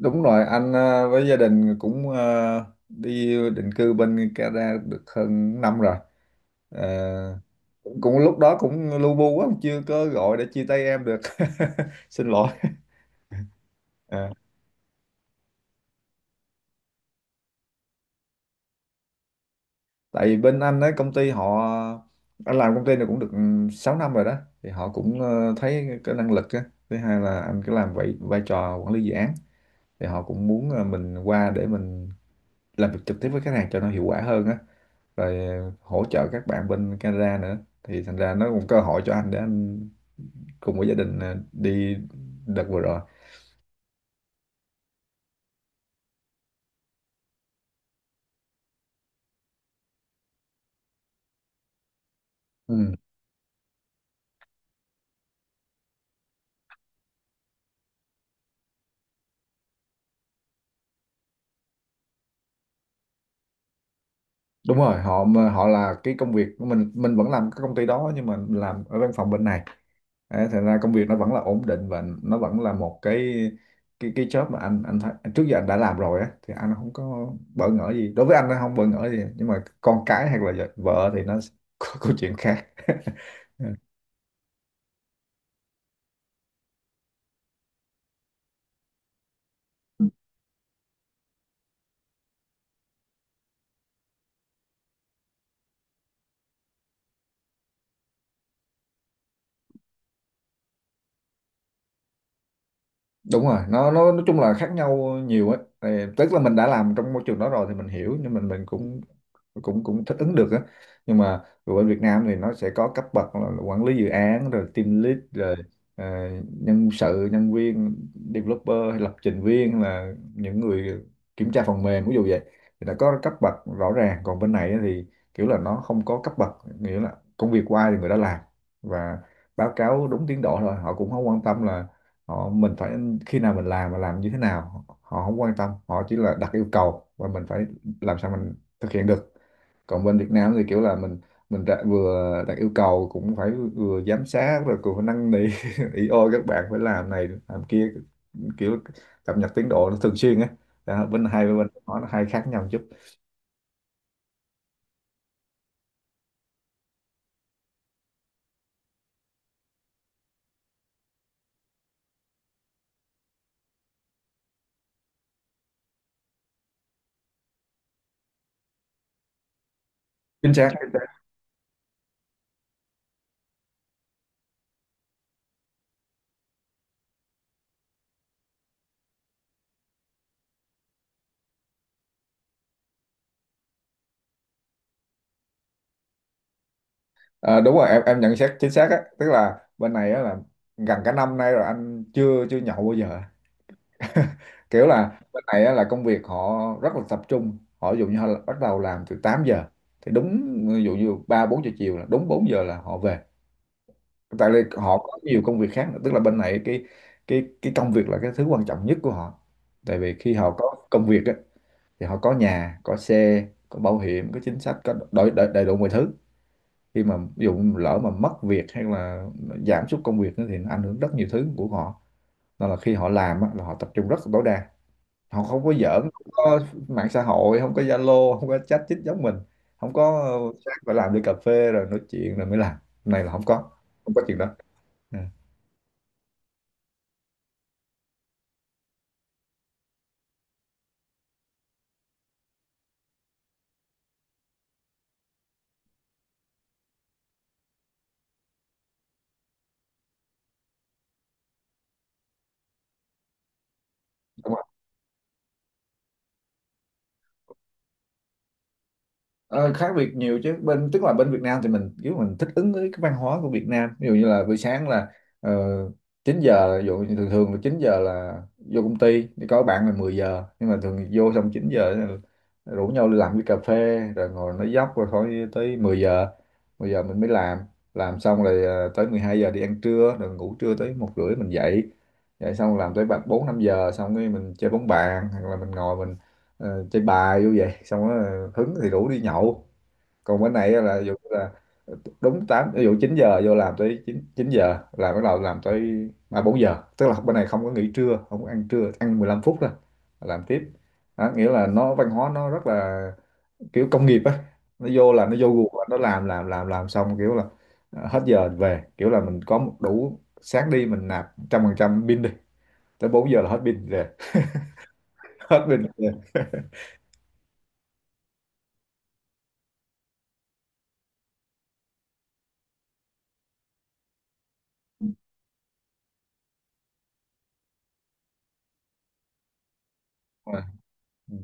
Đúng rồi, anh với gia đình cũng đi định cư bên Canada được hơn năm rồi. Ờ, cũng cũng lúc đó cũng lu bu quá, chưa có gọi để chia tay em được. Xin lỗi. Ờ, Tại vì bên anh ấy công ty họ, anh làm công ty này cũng được 6 năm rồi đó, thì họ cũng thấy cái năng lực á. Thứ hai là anh cứ làm vậy vai trò quản lý dự án, thì họ cũng muốn mình qua để mình làm việc trực tiếp với khách hàng cho nó hiệu quả hơn á. Rồi hỗ trợ các bạn bên Canada nữa, thì thành ra nó cũng cơ hội cho anh để anh cùng với gia đình đi đợt vừa rồi. Ừ. Đúng rồi, họ họ là cái công việc của mình vẫn làm cái công ty đó nhưng mà làm ở văn phòng bên này. Đấy, thành ra công việc nó vẫn là ổn định và nó vẫn là một cái, cái job mà anh thấy trước giờ anh đã làm rồi á, thì anh không có bỡ ngỡ gì. Đối với anh nó không bỡ ngỡ gì nhưng mà con cái hay là vợ thì nó có câu chuyện khác. Đúng rồi, nó nói chung là khác nhau nhiều ấy. Thì tức là mình đã làm trong môi trường đó rồi thì mình hiểu, nhưng mình cũng cũng cũng thích ứng được á. Nhưng mà ở Việt Nam thì nó sẽ có cấp bậc là quản lý dự án, rồi team lead, rồi ờ, nhân sự, nhân viên, developer hay lập trình viên, hay là những người kiểm tra phần mềm, ví dụ vậy. Thì nó có cấp bậc rõ ràng, còn bên này á thì kiểu là nó không có cấp bậc. Nghĩa là công việc của ai thì người đó làm, và báo cáo đúng tiến độ thôi. Họ cũng không quan tâm là họ, mình phải khi nào mình làm, mà làm như thế nào họ không quan tâm. Họ chỉ là đặt yêu cầu và mình phải làm sao mình thực hiện được. Còn bên Việt Nam thì kiểu là mình đã, vừa đặt yêu cầu cũng phải vừa giám sát, rồi cũng phải năn nỉ ý ôi các bạn phải làm này làm kia, kiểu cập nhật tiến độ nó thường xuyên á. Đó, bên hai bên nó hai khác nhau chút. Chính xác, chính xác. À, đúng rồi, em nhận xét chính xác á. Tức là bên này á là gần cả năm nay rồi anh chưa chưa nhậu bao giờ. Kiểu là bên này á, là công việc họ rất là tập trung. Họ ví dụ như họ bắt đầu làm từ 8 giờ, thì đúng ví dụ như 3 4 giờ chiều, là đúng 4 giờ là họ về, tại vì họ có nhiều công việc khác nữa. Tức là bên này cái, cái công việc là cái thứ quan trọng nhất của họ. Tại vì khi họ có công việc á, thì họ có nhà, có xe, có bảo hiểm, có chính sách, có đầy, đầy, đầy đủ mọi thứ. Khi mà ví dụ lỡ mà mất việc hay là giảm sút công việc nữa thì nó ảnh hưởng rất nhiều thứ của họ. Nên là khi họ làm á, là họ tập trung rất là tối đa. Họ không có giỡn, không có mạng xã hội, không có Zalo, không có chat chít giống mình, không có sáng và làm đi cà phê rồi nói chuyện rồi mới làm, này là không có, không có chuyện đó. Ừ. Ờ, khác biệt nhiều chứ. Bên tức là bên Việt Nam thì mình kiểu mình thích ứng với cái văn hóa của Việt Nam. Ví dụ như là buổi sáng là ờ, 9 giờ, ví dụ như thường thường là 9 giờ là vô công ty, thì có bạn là 10 giờ, nhưng mà thường vô xong 9 giờ là rủ nhau đi làm cái cà phê rồi ngồi nói dóc rồi khỏi tới 10 giờ. 10 giờ mình mới làm xong rồi tới 12 giờ đi ăn trưa rồi ngủ trưa tới 1 rưỡi mình dậy. Dậy xong làm tới 4 5 giờ, xong cái mình chơi bóng bàn hoặc là mình ngồi mình chơi bài vô vậy, xong đó hứng thì rủ đi nhậu. Còn bên này là ví dụ là đúng tám, ví dụ 9 giờ vô làm tới 9 9 giờ là bắt đầu làm tới 3 4 giờ. Tức là bên này không có nghỉ trưa, không có ăn trưa, ăn 15 phút thôi, làm tiếp. Đó, nghĩa là nó văn hóa nó rất là kiểu công nghiệp á. Nó vô là nó vô guồng á, nó làm xong kiểu là hết giờ về. Kiểu là mình có một đủ sáng đi mình nạp 100% pin đi, tới 4 giờ là hết pin rồi. Hết pin rồi.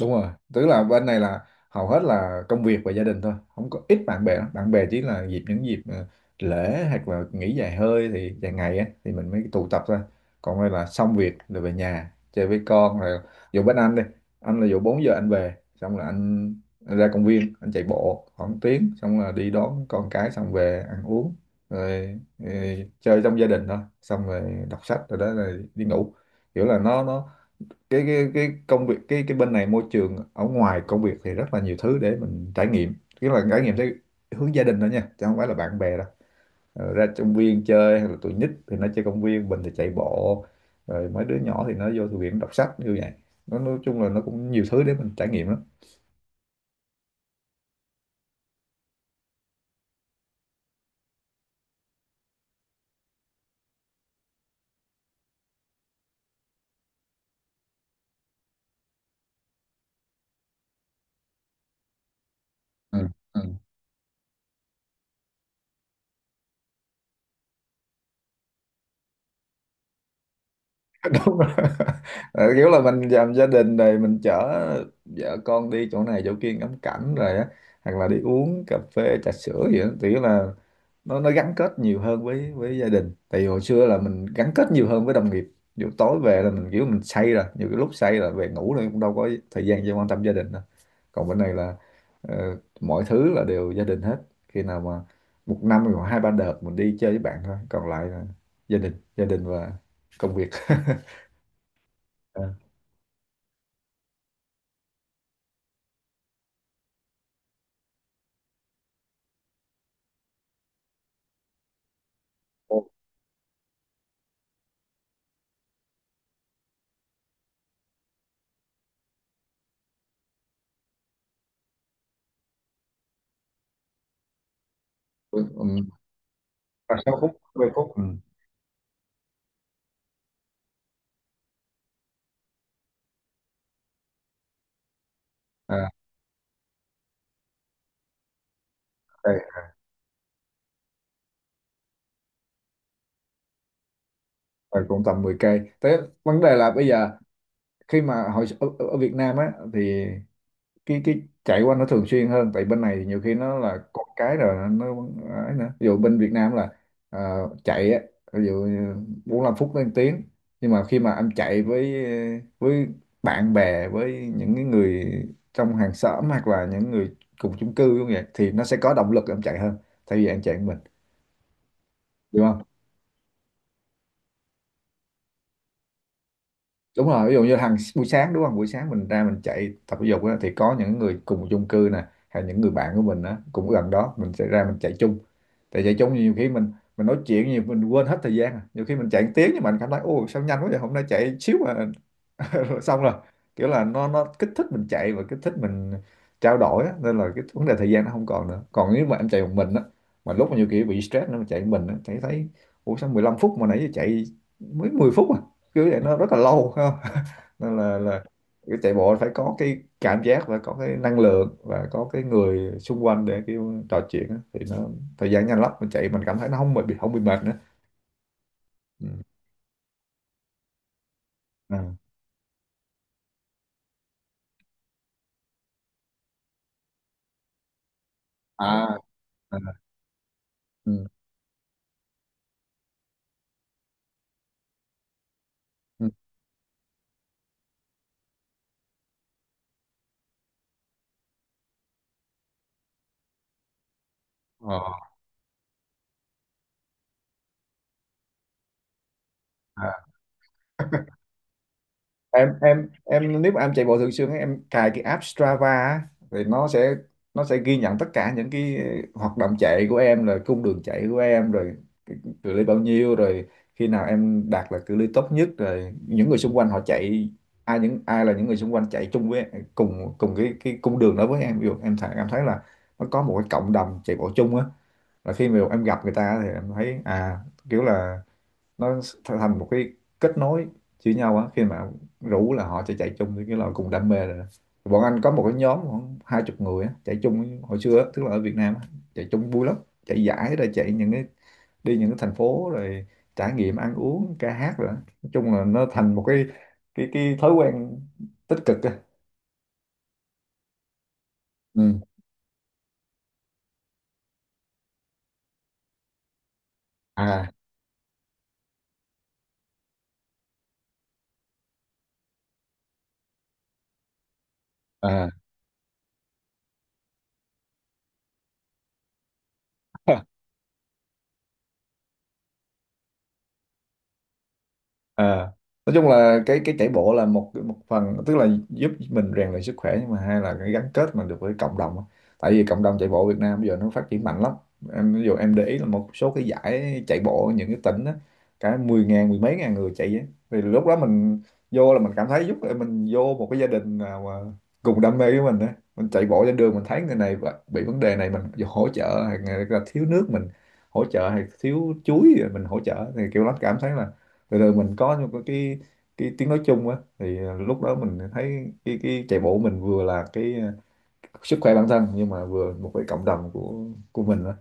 Đúng rồi, tức là bên này là hầu hết là công việc và gia đình thôi, không có ít bạn bè lắm. Bạn bè chỉ là dịp, những dịp lễ hoặc là nghỉ dài hơi, thì dài ngày á thì mình mới tụ tập thôi. Còn đây là xong việc rồi về nhà chơi với con. Rồi dù bên anh đi, anh là dù 4 giờ anh về, xong là anh ra công viên anh chạy bộ khoảng tiếng, xong là đi đón con cái, xong về ăn uống rồi, chơi trong gia đình thôi, xong rồi đọc sách, rồi đó rồi đi ngủ. Kiểu là nó cái, cái công việc cái bên này môi trường ở ngoài công việc thì rất là nhiều thứ để mình trải nghiệm. Tức là trải nghiệm theo hướng gia đình thôi nha, chứ không phải là bạn bè đâu. Ờ, ra công viên chơi hay là tụi nít thì nó chơi công viên, mình thì chạy bộ, rồi mấy đứa nhỏ thì nó vô thư viện đọc sách như vậy. Nó nói chung là nó cũng nhiều thứ để mình trải nghiệm lắm. Ừ. Ừ. Đúng rồi. Ờ, kiểu là mình làm gia đình rồi mình chở vợ con đi chỗ này chỗ kia ngắm cảnh rồi á, hoặc là đi uống cà phê trà sữa gì đó, thì là nó gắn kết nhiều hơn với gia đình. Tại vì hồi xưa là mình gắn kết nhiều hơn với đồng nghiệp, dù tối về là mình kiểu mình say rồi, nhiều cái lúc say là về ngủ rồi cũng đâu có thời gian cho quan tâm gia đình đâu. Còn bên này là mọi thứ là đều gia đình hết. Khi nào mà một năm thì khoảng hai ba đợt mình đi chơi với bạn thôi, còn lại là gia đình, gia đình và công việc. À, một- ừm, và 6 phút, 10 phút. Ừ. À, đây, và cũng tầm 10 cây thế. Vấn đề là bây giờ khi mà hồi ở, ở Việt Nam á, thì cái chạy qua nó thường xuyên hơn. Tại bên này thì nhiều khi nó là con cái rồi nó ấy nữa. Ví dụ bên Việt Nam là chạy á, ví dụ như 45 phút đến 1 tiếng. Nhưng mà khi mà em chạy với bạn bè, với những cái người trong hàng xóm, hoặc là những người cùng chung cư cũng vậy, thì nó sẽ có động lực em chạy hơn, thay vì em chạy một mình. Đúng. Đúng rồi, ví dụ như hàng buổi sáng đúng không, buổi sáng mình ra mình chạy tập thể dục á, thì có những người cùng chung cư nè, hay những người bạn của mình á, cũng gần đó mình sẽ ra mình chạy chung. Tại chạy chung nhiều khi mình nói chuyện nhiều mình quên hết thời gian à. Nhiều khi mình chạy một tiếng nhưng mà mình cảm thấy ô sao nhanh quá vậy, hôm nay chạy xíu mà xong rồi. Kiểu là nó kích thích mình chạy và kích thích mình trao đổi á. Nên là cái vấn đề thời gian nó không còn nữa. Còn nếu mà em chạy một mình á, mà lúc mà nhiều khi bị stress nó chạy một mình á, chạy thấy ủa sao 15 phút mà nãy giờ chạy mới 10 phút à, kiểu vậy nó rất là lâu phải không. Nên là cái chạy bộ phải có cái cảm giác, và có cái năng lượng, và có cái người xung quanh để kiểu trò chuyện á. Thì nó thời gian nhanh lắm, mình chạy mình cảm thấy nó không bị, không bị mệt nữa. Ừ. À. À. À. Ừ. Ừ. Ờ. À. em nếu mà em chạy bộ thường xuyên ấy, em cài cái app Strava á, thì nó sẽ ghi nhận tất cả những cái hoạt động chạy của em, rồi cung đường chạy của em, rồi cái cự ly bao nhiêu, rồi khi nào em đạt là cự ly tốt nhất, rồi những người xung quanh họ chạy, ai, những ai là những người xung quanh chạy chung với cùng cùng cái cung đường đó với em. Ví dụ em thấy, em thấy là nó có một cái cộng đồng chạy bộ chung á. Là khi mà em gặp người ta thì em thấy à, kiểu là nó thành một cái kết nối giữa nhau á, khi mà rủ là họ sẽ chạy chung cái là cùng đam mê rồi đó. Bọn anh có một cái nhóm khoảng 20 người á, chạy chung hồi xưa á, tức là ở Việt Nam á, chạy chung vui lắm. Chạy giải rồi chạy những cái, đi những cái thành phố, rồi trải nghiệm ăn uống ca hát rồi đó. Nói chung là nó thành một cái, cái thói quen tích cực á. Ừ. À. À. À, nói chung là cái chạy bộ là một, một phần tức là giúp mình rèn luyện sức khỏe, nhưng mà hai là cái gắn kết mình được với cộng đồng á. Tại vì cộng đồng chạy bộ Việt Nam bây giờ nó phát triển mạnh lắm. Em ví dụ em để ý là một số cái giải chạy bộ ở những cái tỉnh á, cả 10.000, mười mấy ngàn người chạy á, thì lúc đó mình vô là mình cảm thấy giúp mình vô một cái gia đình nào mà cùng đam mê với mình á. Mình chạy bộ trên đường mình thấy người này bị vấn đề này mình hỗ trợ, hay là thiếu nước mình hỗ trợ, hay thiếu chuối rồi mình hỗ trợ, thì kiểu nó cảm thấy là, rồi, rồi mình có những cái, cái tiếng nói chung á. Thì lúc đó mình thấy cái chạy bộ mình vừa là cái sức khỏe bản thân, nhưng mà vừa một cái cộng đồng của mình á.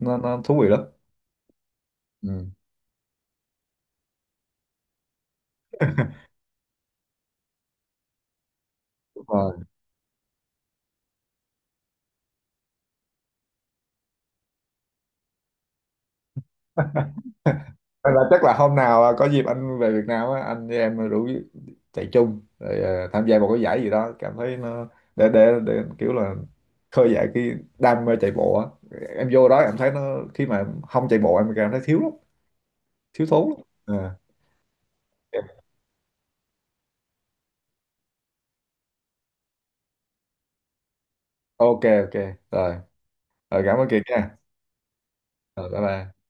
Nó thú vị lắm. Ừ. Đúng rồi. Hay là chắc là hôm nào à, có dịp anh về Việt Nam á, anh với em rủ chạy chung, rồi tham gia một cái giải gì đó cảm thấy nó, để kiểu là khơi dậy cái đam mê chạy bộ á. Em vô đó em thấy nó, khi mà không chạy bộ em cảm thấy thiếu lắm, thiếu thốn lắm. À, ok, ok, rồi, rồi cảm ơn Kiệt nha. Rồi, bye bye.